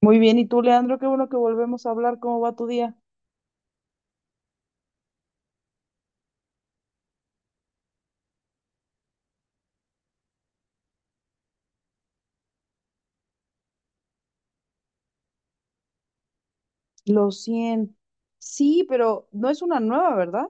Muy bien, y tú, Leandro, qué bueno que volvemos a hablar. ¿Cómo va tu día? Los 100. Sí, pero no es una nueva, ¿verdad?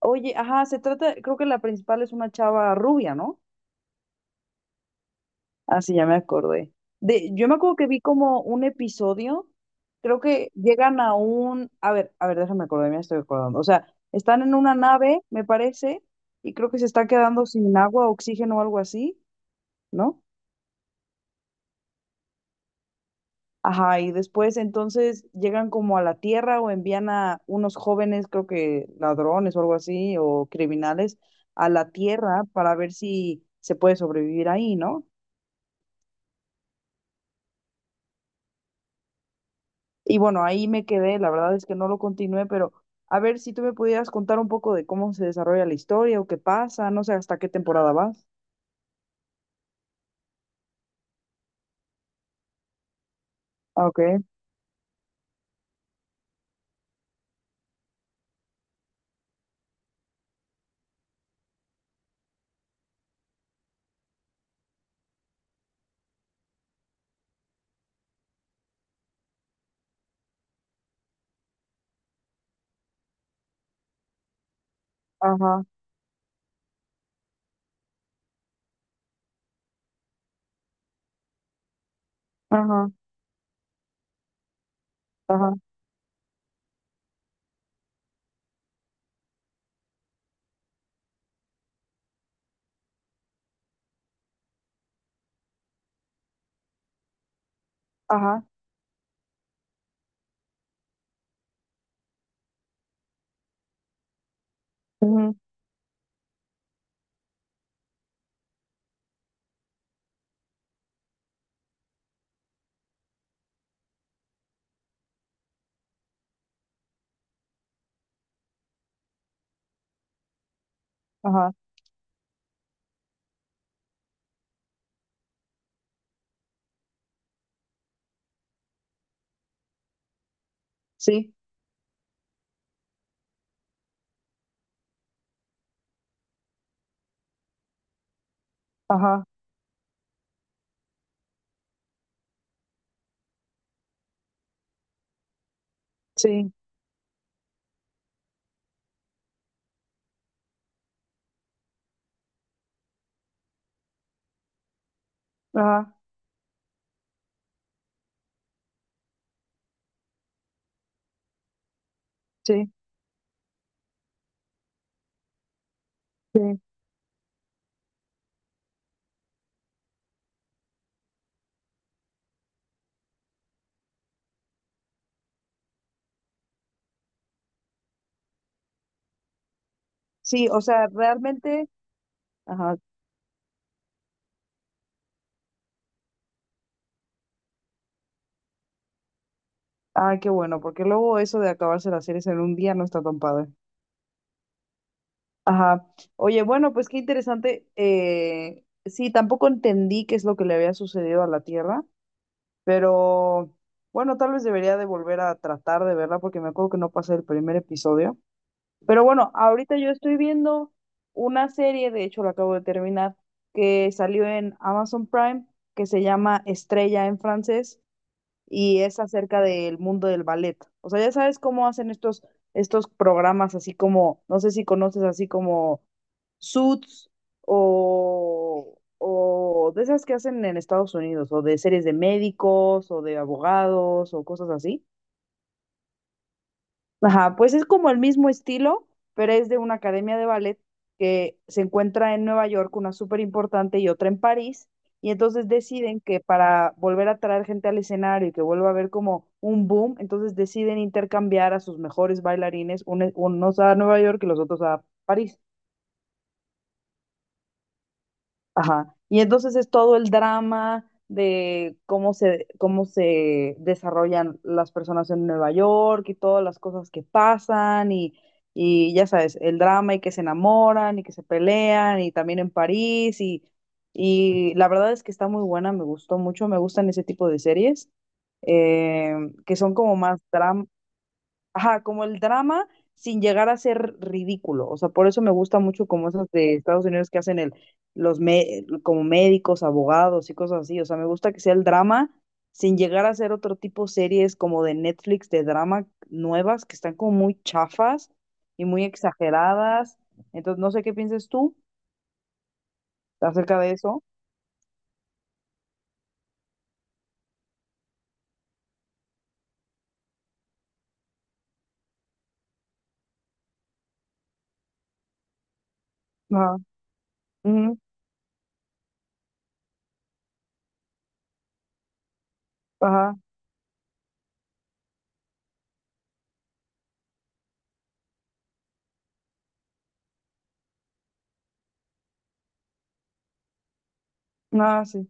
Oye, ajá, se trata, creo que la principal es una chava rubia, ¿no? Ah, sí, ya me acordé. De, yo me acuerdo que vi como un episodio, creo que llegan a un, a ver, déjame acordar, me estoy acordando. O sea, están en una nave, me parece, y creo que se está quedando sin agua, oxígeno o algo así, ¿no? Ajá, y después entonces llegan como a la tierra o envían a unos jóvenes, creo que ladrones o algo así, o criminales, a la tierra para ver si se puede sobrevivir ahí, ¿no? Y bueno, ahí me quedé, la verdad es que no lo continué, pero a ver si tú me pudieras contar un poco de cómo se desarrolla la historia o qué pasa, no sé hasta qué temporada vas. Ah, ok, ajá, ajá, ajá, ajá, ujú, ajá, sí, ajá, sí, ajá, sí, sí. Sí, o sea, realmente. Ajá. Ay, qué bueno, porque luego eso de acabarse las series en un día no está tan padre. Ajá. Oye, bueno, pues qué interesante. Sí, tampoco entendí qué es lo que le había sucedido a la Tierra, pero bueno, tal vez debería de volver a tratar de verla porque me acuerdo que no pasé el primer episodio. Pero bueno, ahorita yo estoy viendo una serie, de hecho la acabo de terminar, que salió en Amazon Prime, que se llama Estrella en francés y es acerca del mundo del ballet. O sea, ya sabes cómo hacen estos, estos programas, así como, no sé si conoces así como Suits o de esas que hacen en Estados Unidos, o de series de médicos o de abogados o cosas así. Ajá, pues es como el mismo estilo, pero es de una academia de ballet que se encuentra en Nueva York, una súper importante y otra en París, y entonces deciden que para volver a traer gente al escenario y que vuelva a haber como un boom, entonces deciden intercambiar a sus mejores bailarines, unos a Nueva York y los otros a París. Ajá. Y entonces es todo el drama de cómo se desarrollan las personas en Nueva York y todas las cosas que pasan y ya sabes, el drama y que se enamoran y que se pelean y también en París y la verdad es que está muy buena, me gustó mucho, me gustan ese tipo de series eh, que son como más ajá, como el drama sin llegar a ser ridículo. O sea, por eso me gusta mucho como esas de Estados Unidos que hacen el, como médicos, abogados y cosas así. O sea, me gusta que sea el drama sin llegar a ser otro tipo series como de Netflix de drama nuevas que están como muy chafas y muy exageradas. Entonces, no sé qué pienses tú acerca de eso. Ajá, ujú, ajá, ah, sí,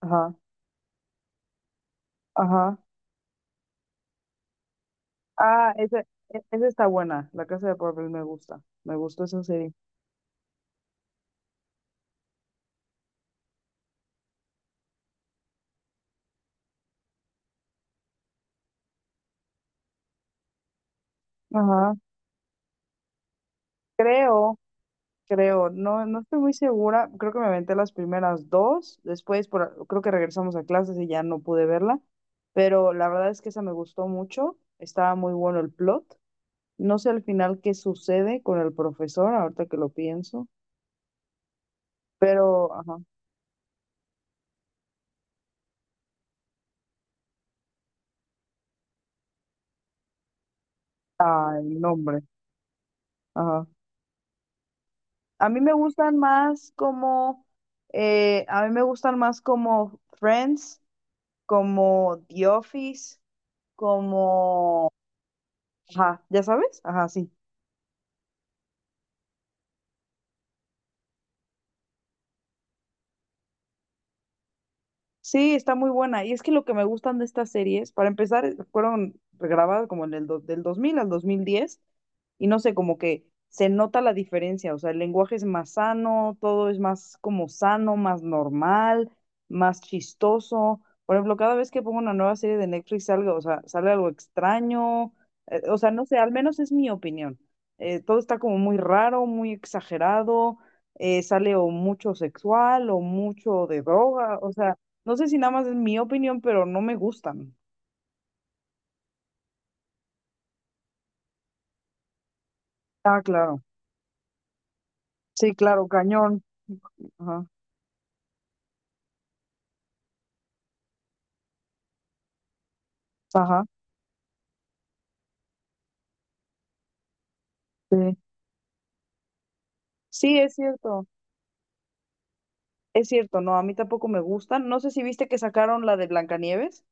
ajá, ajá. Ah, esa, esa está buena, La Casa de Papel me gusta, me gustó esa serie. Ajá, creo, creo, no, no estoy muy segura, creo que me aventé las primeras dos, después por, creo que regresamos a clases y ya no pude verla, pero la verdad es que esa me gustó mucho, estaba muy bueno el plot, no sé al final qué sucede con el profesor, ahorita que lo pienso, pero, ajá, ah, el nombre, ajá. A mí me gustan más como, a mí me gustan más como Friends, como The Office, como. Ajá, ¿ya sabes? Ajá, sí. Sí, está muy buena. Y es que lo que me gustan de estas series, para empezar, fueron grabadas como en el del 2000 al 2010 y no sé, como que se nota la diferencia, o sea, el lenguaje es más sano, todo es más como sano, más normal, más chistoso. Por ejemplo, cada vez que pongo una nueva serie de Netflix salga, o sea, sale algo extraño, o sea, no sé, al menos es mi opinión. Todo está como muy raro, muy exagerado, sale o mucho sexual o mucho de droga, o sea. No sé si nada más es mi opinión, pero no me gustan. Ah, claro. Sí, claro, cañón. Ajá, ajá, sí. Sí, es cierto, no, a mí tampoco me gustan. No sé si viste que sacaron la de Blancanieves.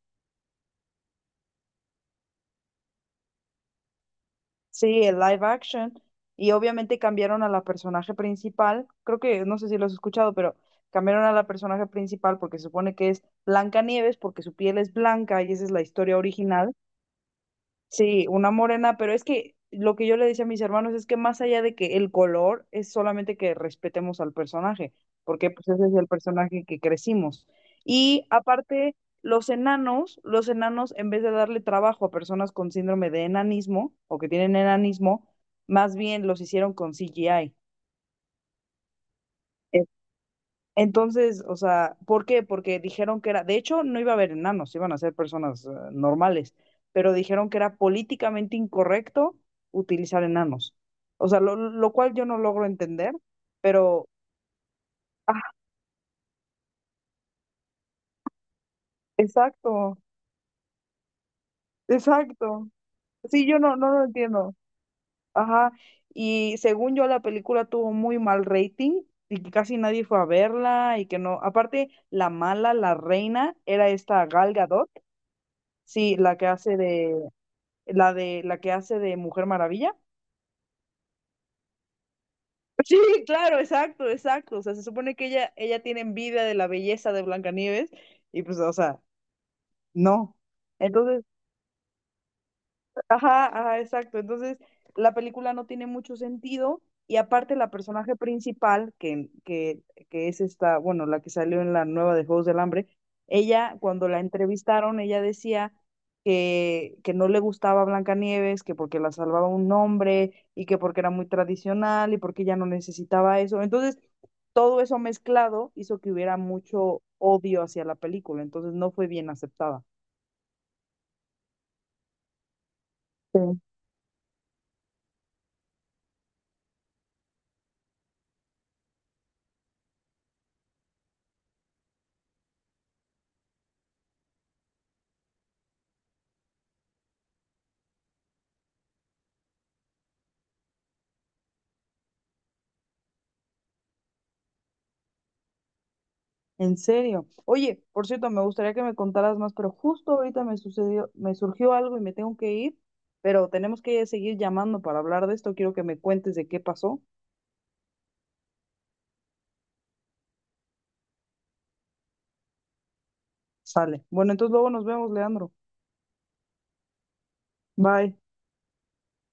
Sí, el live action. Y obviamente cambiaron a la personaje principal. Creo que, no sé si lo has escuchado, pero cambiaron a la personaje principal porque se supone que es Blancanieves, porque su piel es blanca y esa es la historia original. Sí, una morena, pero es que lo que yo le decía a mis hermanos es que más allá de que el color es solamente que respetemos al personaje, porque pues ese es el personaje que crecimos. Y aparte, los enanos en vez de darle trabajo a personas con síndrome de enanismo o que tienen enanismo, más bien los hicieron con CGI. Entonces, o sea, ¿por qué? Porque dijeron que era, de hecho, no iba a haber enanos, iban a ser personas normales, pero dijeron que era políticamente incorrecto utilizar enanos. O sea, lo cual yo no logro entender, pero, ah, exacto, exacto. Sí, yo no, no lo entiendo. Ajá. Y según yo, la película tuvo muy mal rating y que casi nadie fue a verla y que no. Aparte, la mala, la reina, era esta Gal Gadot, sí, la de la que hace de Mujer Maravilla. Sí, claro, exacto, exacto. O sea, se supone que ella tiene envidia de la belleza de Blancanieves y pues, o sea, no. Entonces, ajá, ajá, exacto. Entonces, la película no tiene mucho sentido y aparte la personaje principal, que es esta, bueno, la que salió en la nueva de Juegos del Hambre, ella, cuando la entrevistaron, ella decía que no le gustaba Blancanieves, que porque la salvaba un hombre y que porque era muy tradicional y porque ella no necesitaba eso. Entonces, todo eso mezclado hizo que hubiera mucho odio hacia la película, entonces no fue bien aceptada. Sí. En serio. Oye, por cierto, me gustaría que me contaras más, pero justo ahorita me sucedió, me surgió algo y me tengo que ir, pero tenemos que seguir llamando para hablar de esto. Quiero que me cuentes de qué pasó. Sale. Bueno, entonces luego nos vemos, Leandro. Bye.